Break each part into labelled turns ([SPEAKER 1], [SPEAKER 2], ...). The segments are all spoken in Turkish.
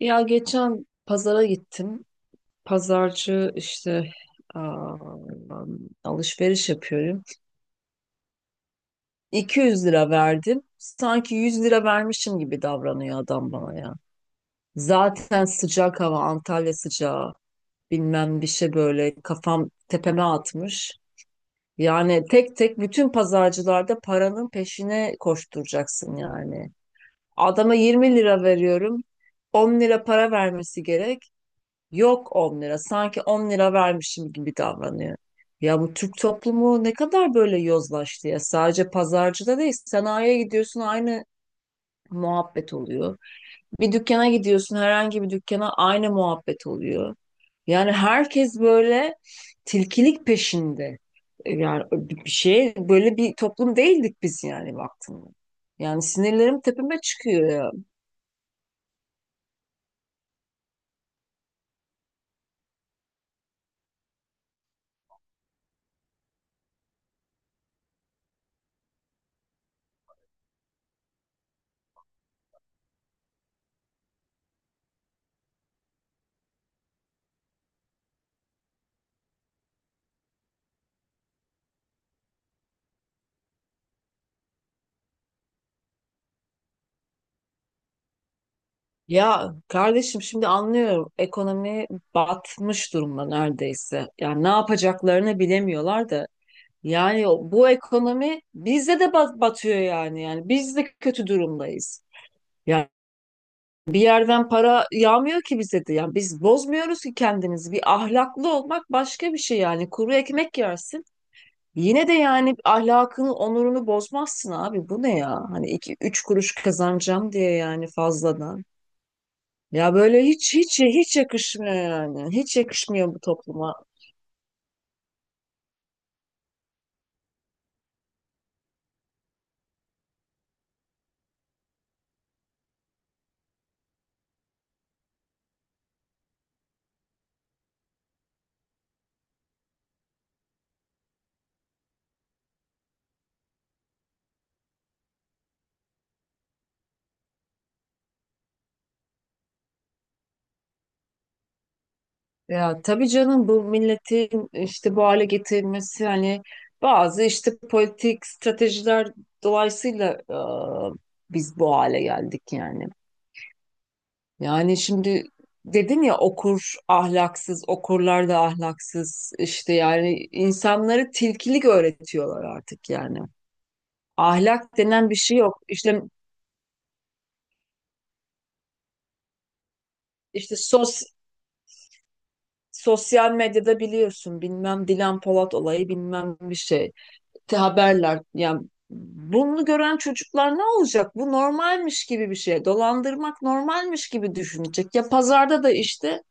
[SPEAKER 1] Ya geçen pazara gittim. Pazarcı işte, aa, alışveriş yapıyorum. 200 lira verdim. Sanki 100 lira vermişim gibi davranıyor adam bana ya. Zaten sıcak hava, Antalya sıcağı. Bilmem bir şey, böyle kafam tepeme atmış. Yani tek tek bütün pazarcılarda paranın peşine koşturacaksın yani. Adama 20 lira veriyorum. 10 lira para vermesi gerek. Yok 10 lira. Sanki 10 lira vermişim gibi davranıyor. Ya bu Türk toplumu ne kadar böyle yozlaştı ya. Sadece pazarcıda değil, sanayiye gidiyorsun, aynı muhabbet oluyor. Bir dükkana gidiyorsun, herhangi bir dükkana, aynı muhabbet oluyor. Yani herkes böyle tilkilik peşinde. Yani bir şey, böyle bir toplum değildik biz yani baktığında. Yani sinirlerim tepeme çıkıyor ya. Ya kardeşim, şimdi anlıyorum, ekonomi batmış durumda neredeyse. Yani ne yapacaklarını bilemiyorlar da. Bu ekonomi bizde de batıyor yani. Yani biz de kötü durumdayız. Yani bir yerden para yağmıyor ki bize de. Yani biz bozmuyoruz ki kendimizi. Bir ahlaklı olmak başka bir şey yani. Kuru ekmek yersin. Yine de yani ahlakını, onurunu bozmazsın abi. Bu ne ya? Hani iki, üç kuruş kazanacağım diye yani fazladan. Ya böyle hiç hiç hiç yakışmıyor yani. Hiç yakışmıyor bu topluma. Ya tabii canım, bu milletin işte bu hale getirilmesi, hani bazı işte politik stratejiler dolayısıyla biz bu hale geldik yani. Yani şimdi dedin ya, okur ahlaksız, okurlar da ahlaksız işte, yani insanları tilkilik öğretiyorlar artık yani. Ahlak denen bir şey yok. İşte sosyal medyada biliyorsun, bilmem Dilan Polat olayı, bilmem bir şey. Te haberler yani, bunu gören çocuklar ne olacak? Bu normalmiş gibi bir şey. Dolandırmak normalmiş gibi düşünecek. Ya pazarda da işte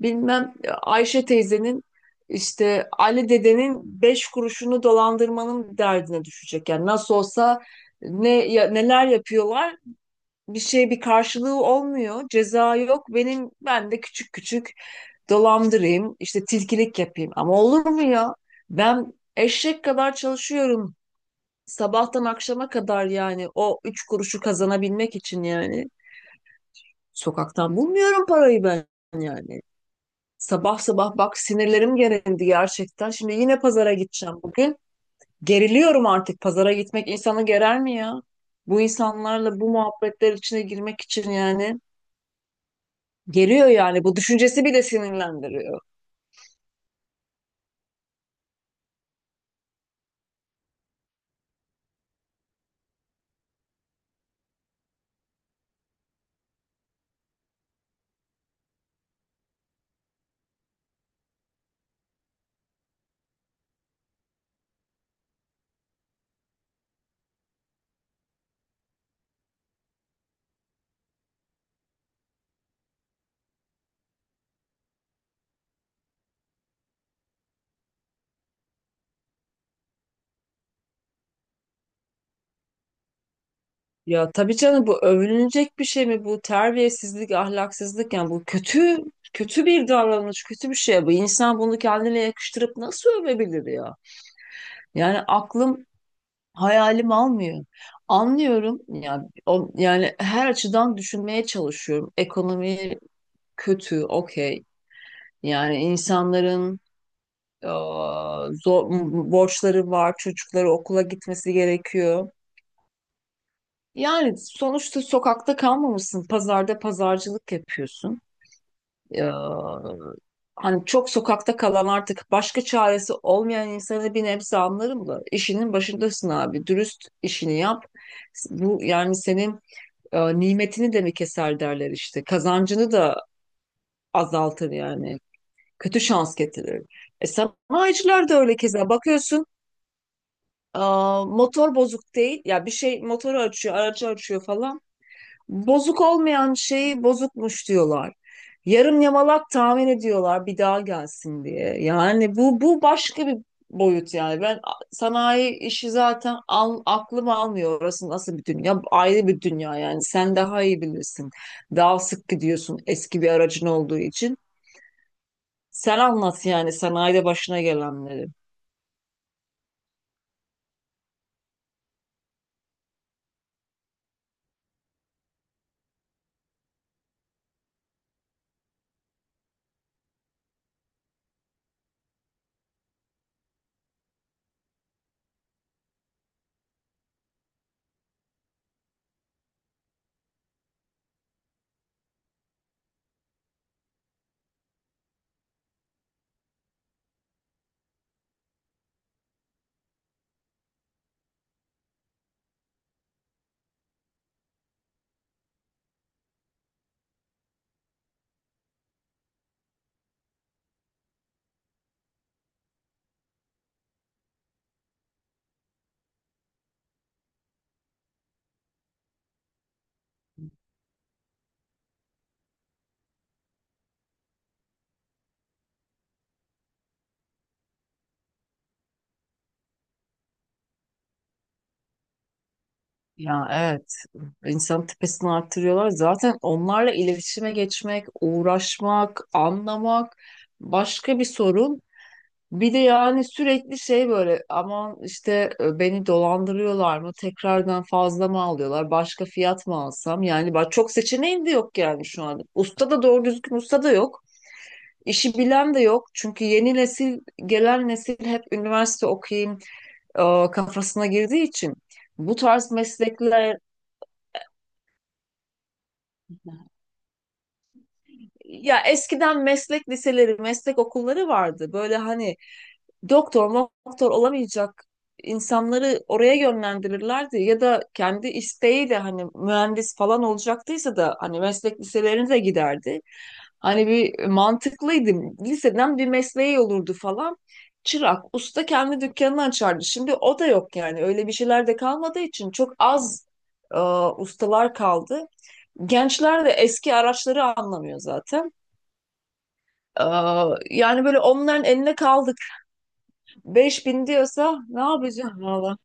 [SPEAKER 1] bilmem, Ayşe teyzenin, işte Ali dedenin beş kuruşunu dolandırmanın derdine düşecek. Yani nasıl olsa, ne ya, neler yapıyorlar, bir şey bir karşılığı olmuyor. Ceza yok. Ben de küçük küçük dolandırayım, işte tilkilik yapayım. Ama olur mu ya? Ben eşek kadar çalışıyorum. Sabahtan akşama kadar yani o üç kuruşu kazanabilmek için yani. Sokaktan bulmuyorum parayı ben yani. Sabah sabah bak, sinirlerim gerildi gerçekten. Şimdi yine pazara gideceğim bugün. Geriliyorum artık, pazara gitmek insanı gerer mi ya? Bu insanlarla bu muhabbetler içine girmek için yani. Geliyor yani, bu düşüncesi bile sinirlendiriyor. Ya tabii canım, bu övünülecek bir şey mi, bu terbiyesizlik, ahlaksızlık, yani bu kötü kötü bir davranış, kötü bir şey. Bu insan bunu kendine yakıştırıp nasıl övebilir ya? Yani aklım hayalim almıyor. Anlıyorum ya o, yani her açıdan düşünmeye çalışıyorum. Ekonomi kötü, okey. Yani insanların eee, zor, borçları var, çocukları okula gitmesi gerekiyor. Yani sonuçta sokakta kalmamışsın. Pazarda pazarcılık yapıyorsun. Ee, hani çok sokakta kalan, artık başka çaresi olmayan insanı bir nebze anlarım da, işinin başındasın abi. Dürüst işini yap. Bu yani senin nimetini de mi keser derler işte. Kazancını da azaltır yani. Kötü şans getirir. Sanayiciler de öyle keza. Bakıyorsun, e, motor bozuk değil. Ya bir şey, motoru açıyor, aracı açıyor falan. Bozuk olmayan şeyi bozukmuş diyorlar. Yarım yamalak tahmin ediyorlar bir daha gelsin diye. Yani bu bu başka bir boyut yani. Sanayi işi zaten aklım almıyor. Orası nasıl bir dünya? Ayrı bir dünya yani. Sen daha iyi bilirsin. Daha sık gidiyorsun eski bir aracın olduğu için. Sen anlat yani sanayide başına gelenleri. Ya evet. İnsan tepesini arttırıyorlar. Zaten onlarla iletişime geçmek, uğraşmak, anlamak başka bir sorun. Bir de yani sürekli şey, böyle aman işte, beni dolandırıyorlar mı? Tekrardan fazla mı alıyorlar? Başka fiyat mı alsam? Yani bak, çok seçeneğim de yok yani şu an. Usta da, doğru düzgün usta da yok. İşi bilen de yok. Çünkü yeni nesil, gelen nesil hep üniversite okuyayım e, kafasına girdiği için bu tarz meslekler. Ya eskiden meslek liseleri, meslek okulları vardı. Böyle hani doktor, doktor olamayacak insanları oraya yönlendirirlerdi. Ya da kendi isteğiyle, hani mühendis falan olacaktıysa da, hani meslek liselerine de giderdi. Hani bir mantıklıydı. Liseden bir mesleği olurdu falan. Çırak, usta kendi dükkanını açardı. Şimdi o da yok yani. Öyle bir şeyler de kalmadığı için çok az e, ustalar kaldı. Gençler de eski araçları anlamıyor zaten. Yani böyle onların eline kaldık. 5 bin diyorsa ne yapacağım valla.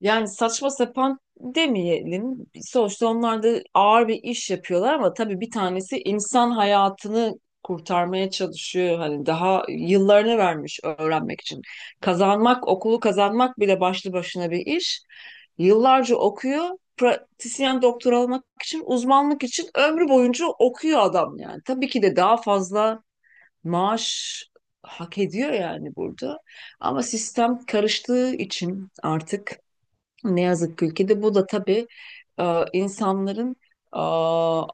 [SPEAKER 1] Yani saçma sapan demeyelim. Sonuçta onlar da ağır bir iş yapıyorlar, ama tabii bir tanesi insan hayatını kurtarmaya çalışıyor. Hani daha yıllarını vermiş öğrenmek için. Kazanmak, okulu kazanmak bile başlı başına bir iş. Yıllarca okuyor. Pratisyen doktor olmak için, uzmanlık için ömrü boyunca okuyor adam yani. Tabii ki de daha fazla maaş hak ediyor yani burada. Ama sistem karıştığı için artık, ne yazık ki ülkede, bu da tabii e, insanların e,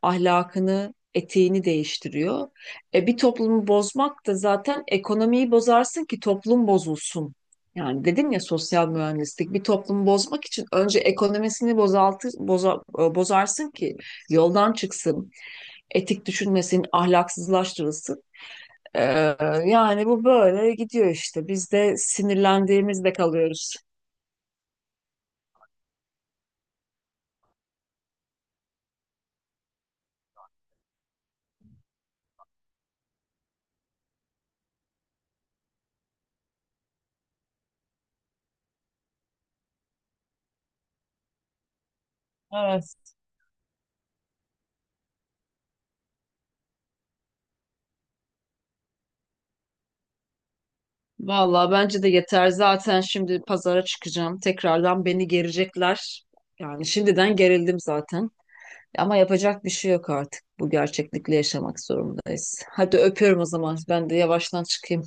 [SPEAKER 1] ahlakını, etiğini değiştiriyor. Bir toplumu bozmak da zaten, ekonomiyi bozarsın ki toplum bozulsun. Yani dedim ya, sosyal mühendislik, bir toplumu bozmak için önce ekonomisini bozarsın ki yoldan çıksın, etik düşünmesin, ahlaksızlaştırılsın. Ee, yani bu böyle gidiyor işte. Biz de sinirlendiğimizde kalıyoruz. Evet. Vallahi bence de yeter. Zaten şimdi pazara çıkacağım. Tekrardan beni gerecekler. Yani şimdiden gerildim zaten. Ama yapacak bir şey yok artık. Bu gerçeklikle yaşamak zorundayız. Hadi öpüyorum o zaman. Ben de yavaştan çıkayım.